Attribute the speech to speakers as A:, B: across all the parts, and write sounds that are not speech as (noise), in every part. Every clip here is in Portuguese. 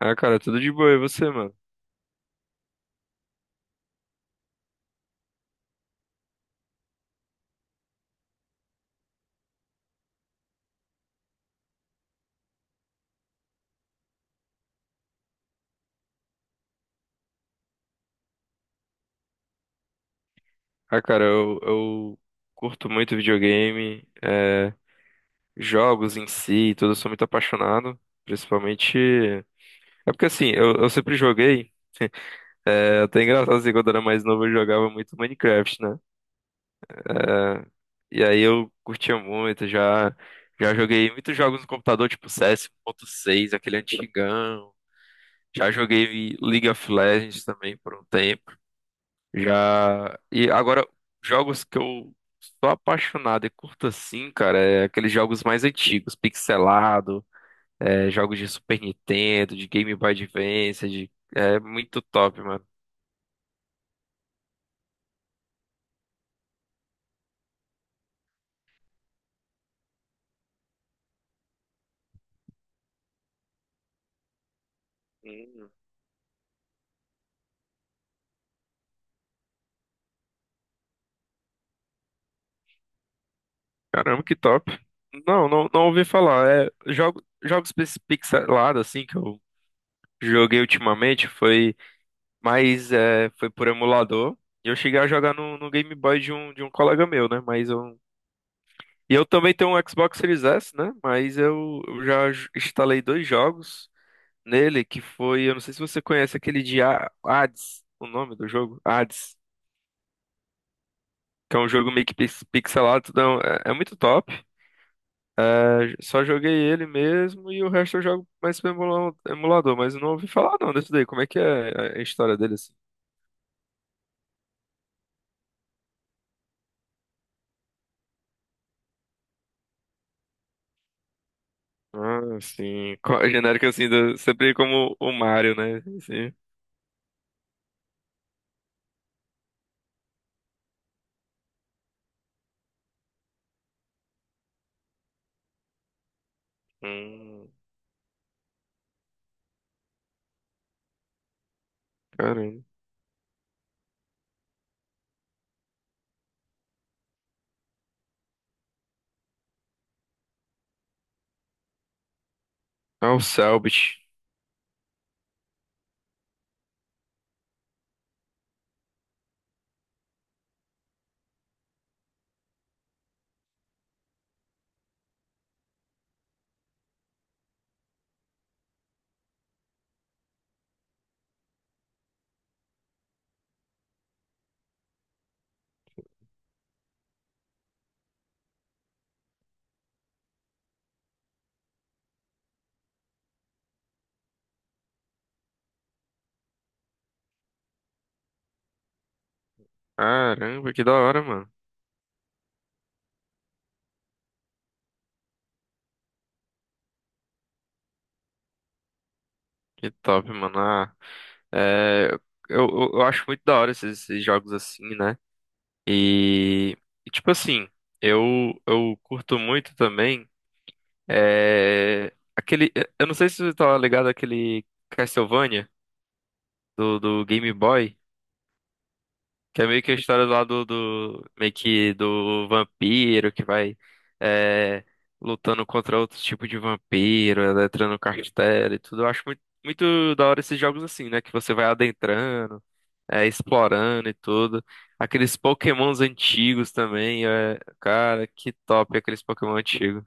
A: Ah, cara, tudo de boa, e você, mano? Ah, cara, eu curto muito videogame, jogos em si, e tudo, eu sou muito apaixonado, principalmente... É porque, assim, eu sempre joguei, até engraçado, assim, quando eu era mais novo eu jogava muito Minecraft, né? É, e aí eu curtia muito, já joguei muitos jogos no computador, tipo CS 1.6, aquele antigão, já joguei League of Legends também por um tempo. Já. E agora, jogos que eu sou apaixonado e curto assim, cara, é aqueles jogos mais antigos, pixelado, jogos de Super Nintendo, de Game Boy Advance, de... é muito top, mano. Hum, Caramba, que top. Não, não, não ouvi falar. É, jogos pixelados, assim, que eu joguei ultimamente foi mais, foi por emulador. E eu cheguei a jogar no, no Game Boy de um colega meu, né? Mas eu e eu também tenho um Xbox Series S, né? Mas eu já instalei dois jogos nele, que foi, eu não sei se você conhece aquele de Hades, o nome do jogo, Hades, que é um jogo meio que pixelado, tudo é, um- é- é muito top. É, só joguei ele mesmo e o resto eu jogo mais pelo emulador, mas eu não ouvi falar não desse daí. Como é que é a história dele assim? Ah, sim. Genérico assim, sempre como o Mario, né? Sim. Hum, caramba. Ah, o Selbit. Caramba, que da hora, mano. Que top, mano. Ah, é, eu acho muito da hora esses jogos assim, né? E, e, tipo assim, eu, eu curto muito também. É, aquele. Eu não sei se você tá ligado àquele Castlevania do, do Game Boy, que é meio que a história lá do, do meio que do vampiro que vai é, lutando contra outro tipo de vampiro, entrando no castelo e tudo. Eu acho muito da hora esses jogos assim, né? Que você vai adentrando, explorando e tudo. Aqueles Pokémons antigos também, é, cara, que top aqueles Pokémon antigos.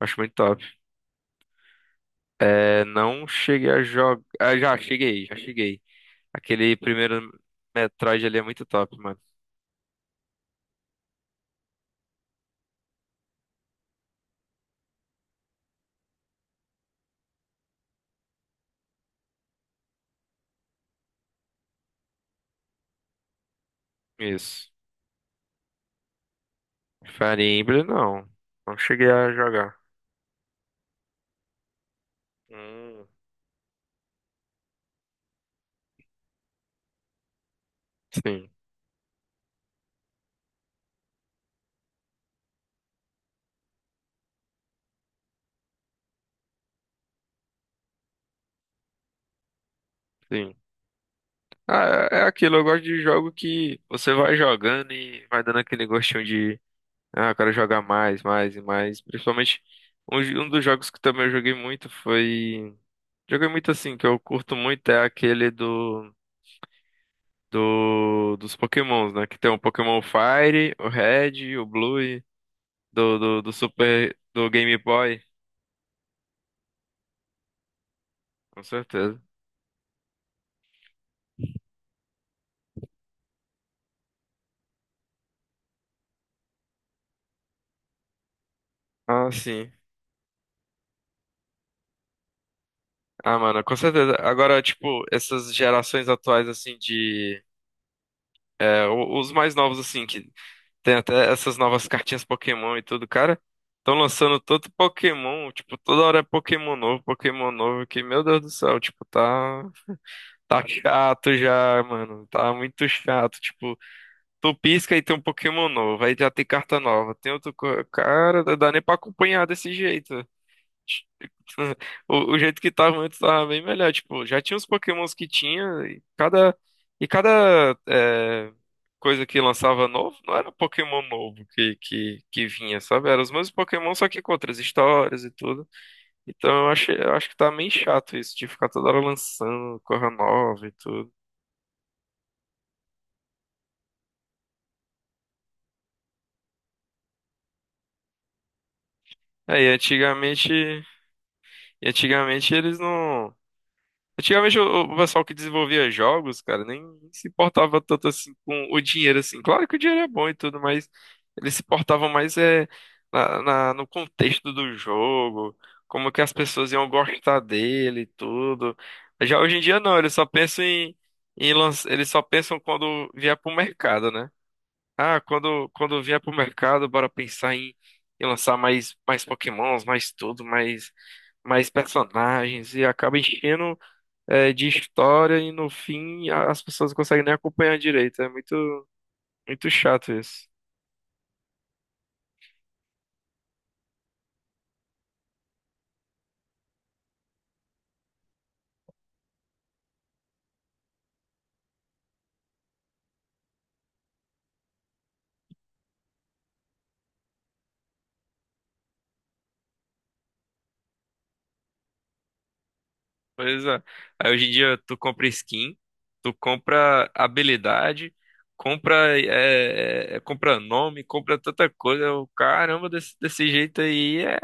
A: Acho muito top. É, não cheguei a jogar. Ah, já cheguei. Aquele primeiro Metroid ali é muito top, mano. Isso. Fire Emblem, não. Não cheguei a jogar. Hum, sim, sim. Ah, é é aquilo, eu gosto de jogo que você vai jogando e vai dando aquele gostinho de ah, eu quero jogar mais e mais. Principalmente, um dos jogos que também eu joguei muito foi. Joguei muito assim, que eu curto muito, é aquele do, dos Pokémons, né? Que tem o Pokémon Fire, o Red, o Blue, e do, do Super, do Game Boy, com certeza. Ah, sim. Ah, mano, com certeza. Agora, tipo, essas gerações atuais, assim, de. É, os mais novos, assim, que tem até essas novas cartinhas Pokémon e tudo, cara. Estão lançando todo Pokémon, tipo, toda hora é Pokémon novo, que, meu Deus do céu, tá chato já, mano, tá muito chato, tipo, tu pisca e tem um Pokémon novo, aí já tem carta nova, tem outro, cara, não dá nem pra acompanhar desse jeito. Tipo, o jeito que tava antes tava bem melhor. Tipo, já tinha os Pokémons que tinha, e cada, e cada é, coisa que lançava novo, não era Pokémon novo que vinha, sabe? Era os mesmos Pokémon, só que com outras histórias e tudo. Então eu acho que tá meio chato isso, de ficar toda hora lançando coisa nova e tudo. Aí, antigamente, e antigamente eles não. Antigamente o pessoal que desenvolvia jogos, cara, nem se importava tanto assim com o dinheiro, assim. Claro que o dinheiro é bom e tudo, mas eles se portavam mais na, no contexto do jogo, como que as pessoas iam gostar dele e tudo. Já hoje em dia não, eles só pensam quando vier pro mercado, né? Ah, quando vier pro mercado, bora pensar em, em lançar mais Pokémons, mais tudo, mais personagens, e acaba enchendo de história e no fim as pessoas não conseguem nem acompanhar direito. É muito chato isso. Pois é. Aí hoje em dia tu compra skin, tu compra habilidade, compra, compra nome, compra tanta coisa. Eu, caramba, desse jeito aí é,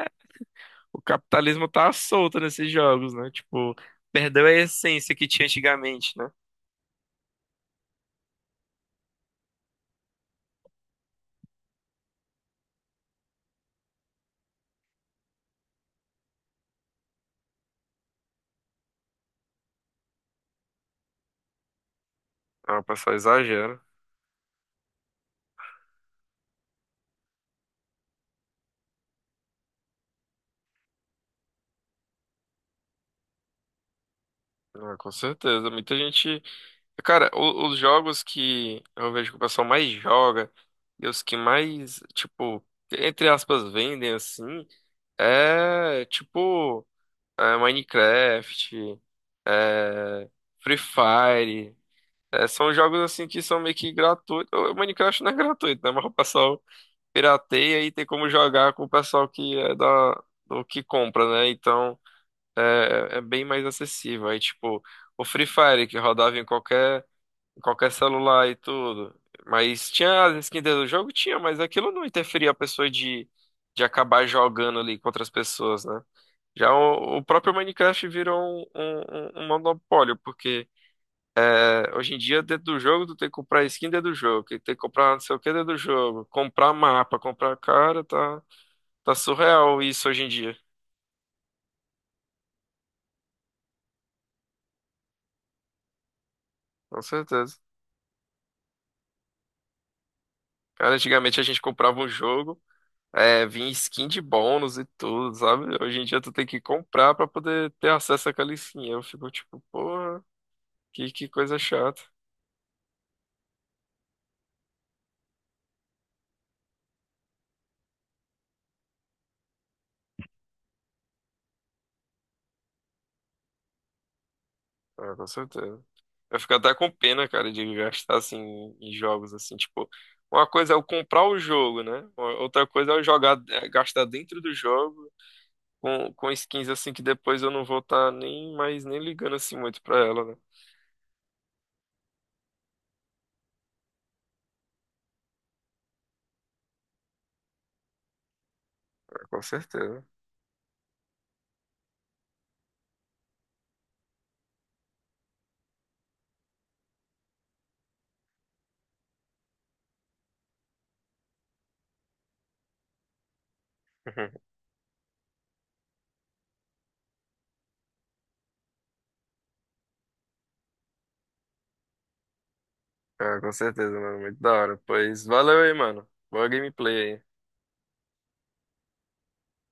A: o capitalismo tá solto nesses jogos, né? Tipo, perdeu a essência que tinha antigamente, né? Ah, o pessoal exagera. Ah, com certeza. Muita gente. Cara, os jogos que eu vejo que o pessoal mais joga e os que mais, tipo, entre aspas, vendem assim, é tipo Minecraft, é, Free Fire. É, são jogos assim que são meio que gratuitos. O Minecraft não é gratuito, né? Mas o pessoal pirateia e tem como jogar com o pessoal que é da, do que compra, né? Então é, é bem mais acessível. Aí, tipo, o Free Fire que rodava em qualquer. Qualquer celular e tudo. Mas tinha as skins do jogo? Tinha, mas aquilo não interferia a pessoa de acabar jogando ali com outras pessoas, né? Já o próprio Minecraft virou um, um monopólio, porque é, hoje em dia, dentro do jogo, tu tem que comprar skin dentro do jogo, que tem que comprar não sei o que dentro do jogo, comprar mapa, comprar cara, tá surreal isso hoje em dia, com certeza. Cara, antigamente a gente comprava um jogo. É, vinha skin de bônus e tudo, sabe? Hoje em dia tu tem que comprar pra poder ter acesso àquela skin. Eu fico tipo, porra, que coisa chata. Ah, com certeza. Eu fico até com pena, cara, de gastar assim em jogos assim, tipo, uma coisa é eu comprar o jogo, né? Outra coisa é eu jogar, gastar dentro do jogo com skins assim que depois eu não vou estar nem mais nem ligando assim muito pra ela, né? Ah, com certeza. (laughs) Ah, com certeza, mano. Muito da hora. Pois valeu aí, mano. Boa gameplay aí.